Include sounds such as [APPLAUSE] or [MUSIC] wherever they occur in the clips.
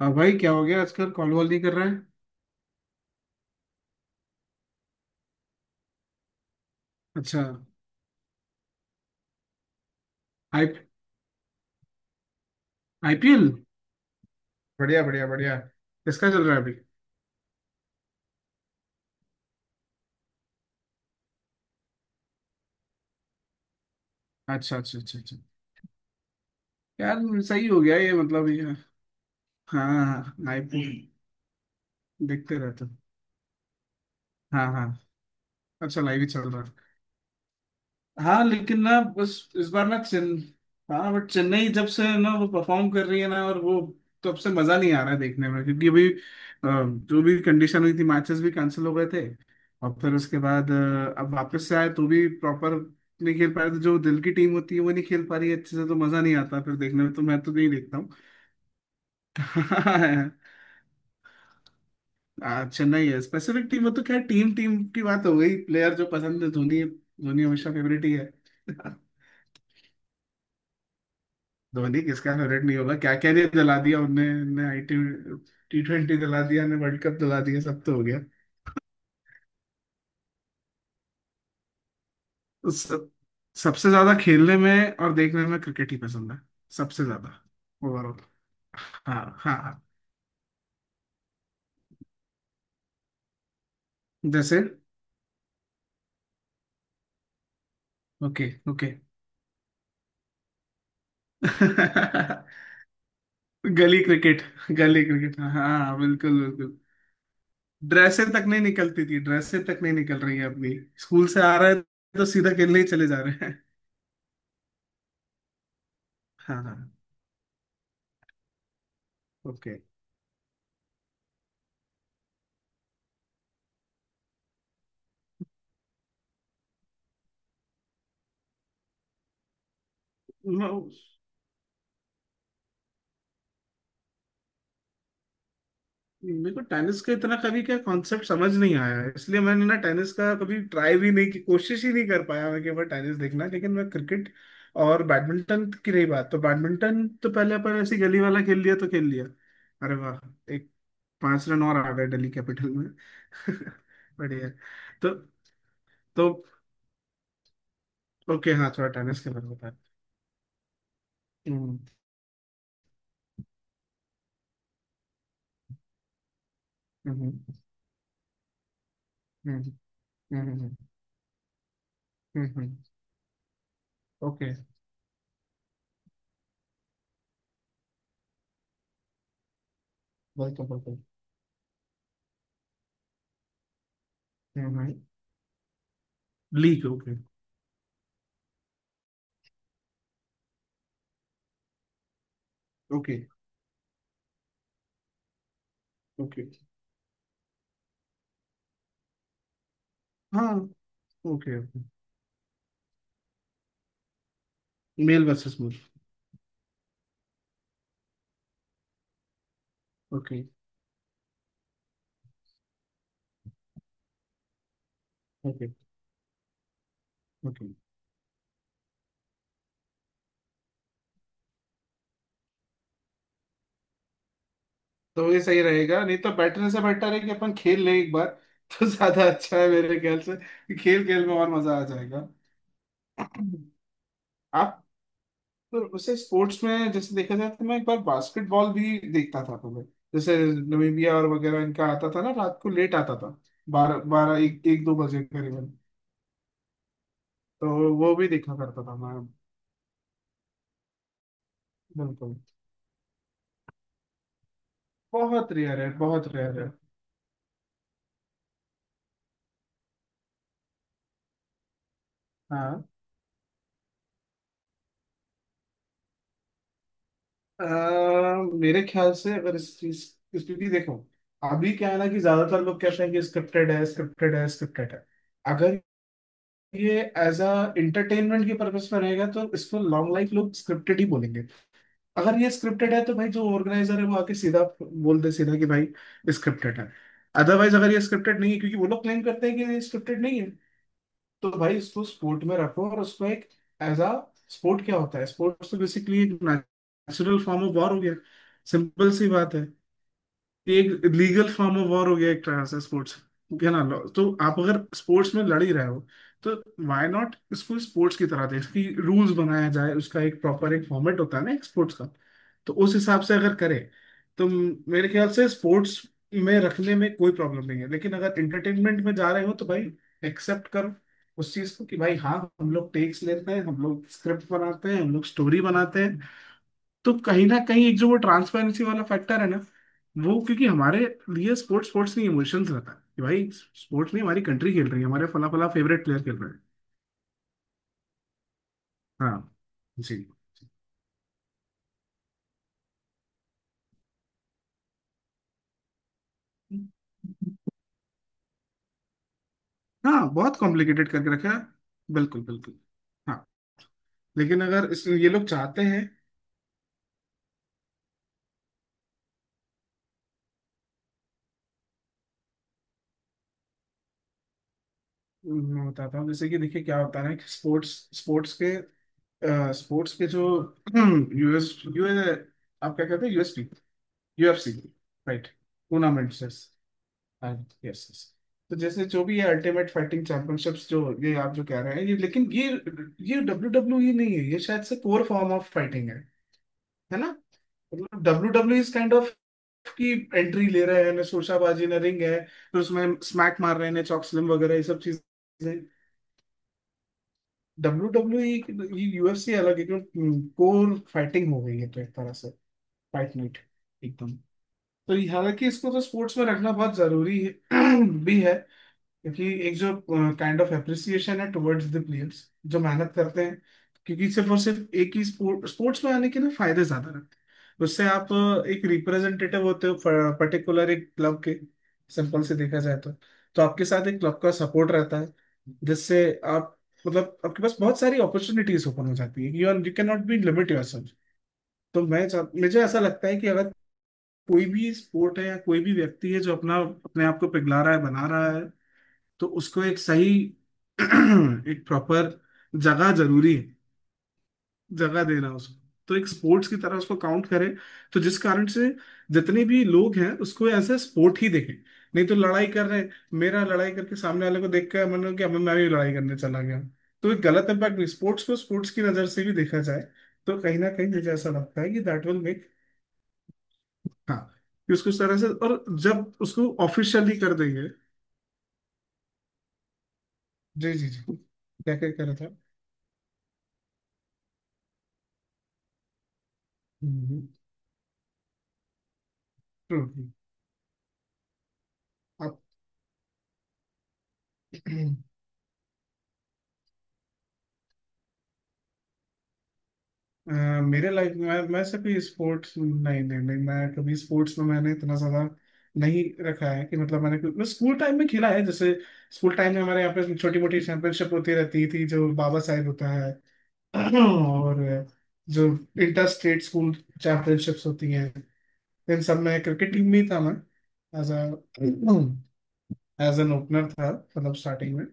हाँ भाई, क्या हो गया आजकल? कॉल वॉल नहीं कर रहा है। अच्छा। आई आईपीएल। बढ़िया बढ़िया बढ़िया, किसका चल रहा है अभी? अच्छा अच्छा अच्छा अच्छा। यार सही हो गया ये, मतलब ये। हाँ हाँ हाँ, आईपीएल देखते रहते। हाँ हाँ। अच्छा, लाइव ही चल रहा है। हाँ लेकिन ना बस। इस बार ना चेन। हाँ बट, चेन्नई जब से ना वो परफॉर्म कर रही है ना, और वो, तब से मजा नहीं आ रहा है देखने में। क्योंकि अभी जो भी कंडीशन हुई थी, मैचेस भी कैंसिल हो गए थे। और फिर उसके बाद अब वापस से आए तो भी प्रॉपर नहीं खेल पा रहे। तो जो दिल की टीम होती है वो नहीं खेल पा रही है अच्छे से, तो मजा नहीं आता फिर देखने में, तो मैं तो नहीं देखता हूँ। [LAUGHS] चेन्नई है स्पेसिफिक टीम। वो तो खैर, टीम टीम की बात हो गई। प्लेयर जो पसंद है, धोनी, धोनी हमेशा फेवरेट ही है। [LAUGHS] धोनी किसका फेवरेट नहीं होगा? क्या क्या नहीं दिला दिया उनने। ने आई टी, T20 दिला दिया, ने वर्ल्ड कप दिला दिया, सब तो हो गया। उस सब, सबसे ज्यादा खेलने में और देखने में क्रिकेट ही पसंद है। सबसे ज्यादा ओवरऑल। हाँ हाँ हाँ। जैसे। Okay okay. [LAUGHS] गली क्रिकेट, गली क्रिकेट, हाँ हाँ, बिल्कुल बिल्कुल। ड्रेसें तक नहीं निकलती थी, ड्रेसें तक नहीं निकल रही है अपनी। स्कूल से आ रहे हैं, तो सीधा खेलने ही चले जा रहे हैं। हाँ हाँ। ओके। [LAUGHS] मेरे को टेनिस का इतना कभी क्या कॉन्सेप्ट समझ नहीं आया है, इसलिए मैंने ना टेनिस का कभी ट्राई भी नहीं की, कोशिश ही नहीं कर पाया मैं कि मैं टेनिस देखना, लेकिन मैं क्रिकेट। और बैडमिंटन की रही बात, तो बैडमिंटन तो पहले अपन ऐसी गली वाला खेल लिया तो खेल लिया। अरे वाह! एक पांच रन और आ गए दिल्ली कैपिटल में। [LAUGHS] बढ़िया। तो तो। ओके हाँ, थोड़ा टेनिस के बारे में बता। हम्म। हम्म। हम्म। हम्म। हम्म। ओके। बिल्कुल बिल्कुल। हम्म। League okay. Okay okay. हाँ। Okay okay. Male versus male. Okay okay okay. तो ये सही रहेगा, नहीं तो बैठने से बेटर है कि अपन खेल लें एक बार। [LAUGHS] तो ज्यादा अच्छा है मेरे ख्याल से। खेल खेल में और मजा आ जाएगा। आप। तो उसे स्पोर्ट्स में जैसे देखा जाए, तो मैं एक बार बास्केटबॉल भी देखता था पहले। जैसे नमीबिया और वगैरह इनका आता था ना, रात को लेट आता था। बारह बारह, एक एक, दो बजे करीबन। तो वो भी देखा करता था मैं। बिल्कुल। बहुत रेयर है, बहुत रेयर है। हाँ। अ, मेरे ख्याल से अगर इस चीज, क्योंकि देखो। अभी क्या है ना कि ज्यादातर लोग कहते हैं कि स्क्रिप्टेड है, स्क्रिप्टेड है, स्क्रिप्टेड है। अगर ये एज अ इंटरटेनमेंट के पर्पस में रहेगा, तो इसको लॉन्ग लाइफ लोग स्क्रिप्टेड ही बोलेंगे। अगर ये स्क्रिप्टेड है, तो भाई जो ऑर्गेनाइजर है वो आके सीधा बोल दे सीधा कि भाई स्क्रिप्टेड है। अदरवाइज, अगर ये स्क्रिप्टेड नहीं है, क्योंकि वो लोग क्लेम करते हैं कि ये स्क्रिप्टेड नहीं है। तो भाई उसको स्पोर्ट में रखो, और उसको एक एज अ स्पोर्ट। क्या होता है स्पोर्ट्स? तो बेसिकली एक नेचुरल फॉर्म ऑफ वॉर हो गया। सिंपल सी बात है। ये एक लीगल फॉर्म ऑफ वॉर हो गया एक तरह से स्पोर्ट्स। है ना? तो आप अगर स्पोर्ट्स में लड़ ही रहे हो। तो व्हाई नॉट इसको स्पोर्ट्स की तरह दें, इसकी रूल्स बनाया जाए, उसका एक प्रॉपर एक फॉर्मेट होता है ना एक स्पोर्ट्स का। तो उस हिसाब से अगर करें, तो मेरे ख्याल से स्पोर्ट्स में रखने में कोई प्रॉब्लम नहीं है। लेकिन अगर एंटरटेनमेंट में जा रहे हो, तो भाई एक्सेप्ट करो उस चीज को कि भाई हाँ, हम लोग टेक्स लेते हैं, हम लोग स्क्रिप्ट बनाते हैं, हम लोग स्टोरी बनाते हैं। तो कहीं ना कहीं एक जो वो ट्रांसपेरेंसी वाला फैक्टर है ना वो, क्योंकि हमारे लिए स्पोर्ट्स, स्पोर्ट्स नहीं इमोशंस रहता है कि भाई स्पोर्ट्स नहीं, हमारी कंट्री खेल रही है, हमारे फला फला फेवरेट प्लेयर खेल रहे हैं। हाँ जी। हाँ बहुत कॉम्प्लिकेटेड करके रखा है। बिल्कुल बिल्कुल। हाँ लेकिन अगर इस ये लोग चाहते हैं। मैं बताता हूँ, जैसे कि देखिए क्या होता है ना कि स्पोर्ट्स स्पोर्ट्स के स्पोर्ट्स के जो [CLEARS THROAT] यूएस यूएस आप क्या कहते हैं, USP, UFC right. Tournaments. Yes yes. तो जैसे जो भी ये अल्टीमेट फाइटिंग चैंपियनशिप्स जो ये, आप जो कह रहे हैं ये, लेकिन ये डब्ल्यू डब्ल्यू ई नहीं है, ये शायद से कोर फॉर्म ऑफ फाइटिंग है। है ना? मतलब W W is kind of की एंट्री ले रहे हैं ना, शोशाबाजी, ना रिंग है फिर उसमें स्मैक मार रहे हैं ना, चॉक स्लिम वगैरह ये सब चीजें। डब्ल्यू डब्ल्यू ये, यूएफसी अलग है क्यों? कोर फाइटिंग हो गई है, तो एक तरह से फाइट नाइट एकदम। हालांकि इसको तो स्पोर्ट्स में रखना बहुत जरूरी है। [CLEARS THROAT] भी है। क्योंकि एक जो काइंड ऑफ एप्रिसिएशन है टुवर्ड्स द प्लेयर्स जो मेहनत करते हैं। क्योंकि सिर्फ और सिर्फ एक ही स्पोर्ट, स्पोर्ट्स में आने के ना फायदे ज्यादा रहते हैं, उससे आप एक रिप्रेजेंटेटिव होते हो पर्टिकुलर एक क्लब के। सिंपल से देखा जाए तो, आपके साथ एक क्लब का सपोर्ट रहता है। जिससे आप, मतलब आपके पास बहुत सारी अपॉर्चुनिटीज ओपन हो जाती है। You are, you can not be limit yourself. तो मुझे ऐसा लगता है कि अगर कोई भी स्पोर्ट है या कोई भी व्यक्ति है जो अपना अपने आप को पिघला रहा है, बना रहा है। तो उसको एक सही [CLEARS THROAT] एक प्रॉपर जगह जरूरी है, जगह देना उसको। तो एक स्पोर्ट्स की तरह उसको काउंट करें, तो जिस कारण से जितने भी लोग हैं उसको एज ए स्पोर्ट ही देखें। नहीं तो लड़ाई कर रहे हैं, मेरा लड़ाई करके सामने वाले को देख कर मन हो कि अब मैं भी लड़ाई करने चला गया। तो एक गलत इम्पैक्ट नहीं, स्पोर्ट्स को स्पोर्ट्स की नज़र से भी देखा जाए। तो कहीं ना कहीं मुझे ऐसा लगता है कि दैट विल मेक। हाँ, कि उसको इस तरह से, और जब उसको ऑफिशियली कर देंगे। जी जी जी, क्या क्या कह रहा था? ट्रू। अब [CLEARS THROAT] अ, मेरे लाइफ में, मैं सिर्फ ये स्पोर्ट्स, नहीं नहीं नहीं, मैं कभी स्पोर्ट्स में मैंने इतना ज्यादा नहीं रखा है। कि मतलब, मैं स्कूल टाइम में खेला है जैसे, स्कूल टाइम में हमारे यहाँ पे छोटी मोटी चैंपियनशिप होती रहती थी जो बाबा साहेब होता है। [CLEARS THROAT] और जो इंटर स्टेट स्कूल चैंपियनशिप्स होती हैं, इन सब में क्रिकेट टीम में ही था मैं, as uh as an opener [CLEARS THROAT] था, मतलब स्टार्टिंग में।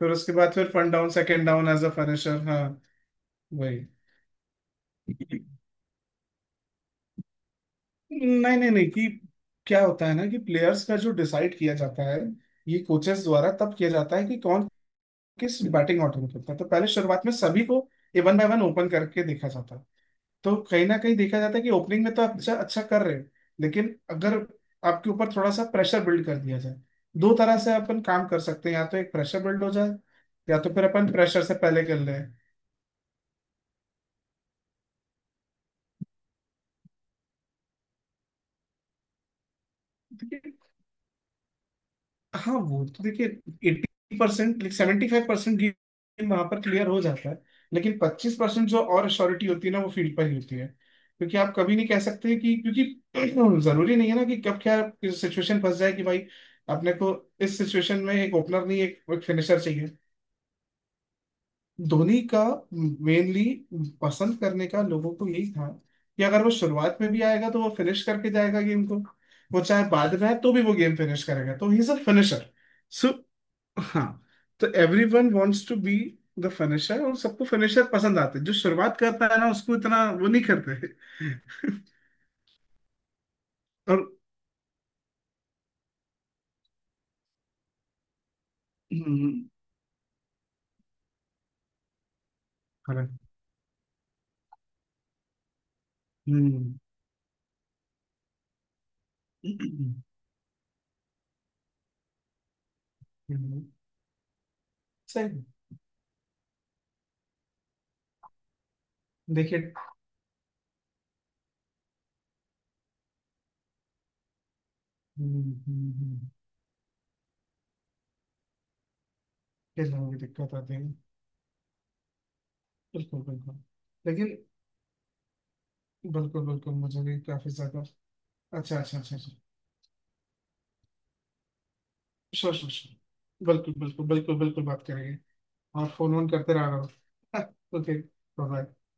फिर उसके बाद फिर one down, second down, as uh finisher. हाँ। वही। नहीं नहीं नहीं कि, क्या होता है ना कि प्लेयर्स का जो डिसाइड किया जाता है। ये कोचेस द्वारा तब किया जाता है कि कौन किस बैटिंग ऑर्डर में खेलता है, तो पहले शुरुआत में सभी को a one by one open करके देखा जाता है। तो कहीं ना कहीं देखा जाता है कि ओपनिंग में तो आप अच्छा अच्छा कर रहे हो, लेकिन अगर आपके ऊपर थोड़ा सा प्रेशर बिल्ड कर दिया जाए, दो तरह से अपन काम कर सकते हैं, या तो एक प्रेशर बिल्ड हो जाए, या तो फिर अपन प्रेशर से पहले कर लें। हाँ वो तो देखिए, 80% लाइक 75% गेम वहां पर क्लियर हो जाता है। लेकिन 25% जो और श्योरिटी होती है ना, वो फील्ड पर ही होती है। क्योंकि आप कभी नहीं कह सकते कि, क्योंकि [CLEARS THROAT] जरूरी नहीं है ना कि कब क्या सिचुएशन फंस जाए कि भाई अपने को इस सिचुएशन में एक ओपनर नहीं, एक फिनिशर चाहिए। धोनी का मेनली पसंद करने का लोगों को यही था, कि अगर वो शुरुआत में भी आएगा तो वो फिनिश करके जाएगा गेम को। वो चाहे बाद में आए तो भी वो गेम फिनिश करेगा, तो ही इज अ फिनिशर। हाँ। तो everyone wants to be the finisher, और सबको फिनिशर पसंद आते हैं, जो शुरुआत करता है ना उसको इतना वो नहीं करते। और। हम्म, अरे, हम्म, हम्म, सही है। देखिए। हम्म, हम्म, हम्म, किस तरह की दिक्कत आती है? बिल्कुल बिल्कुल। लेकिन बिल्कुल बिल्कुल, मुझे भी काफी ज्यादा। अच्छा अच्छा अच्छा अच्छा। Sure sure sure. बिल्कुल बिल्कुल बिल्कुल बिल्कुल बात करेंगे। और फोन वोन करते रहा करो। [LAUGHS] Okay bye.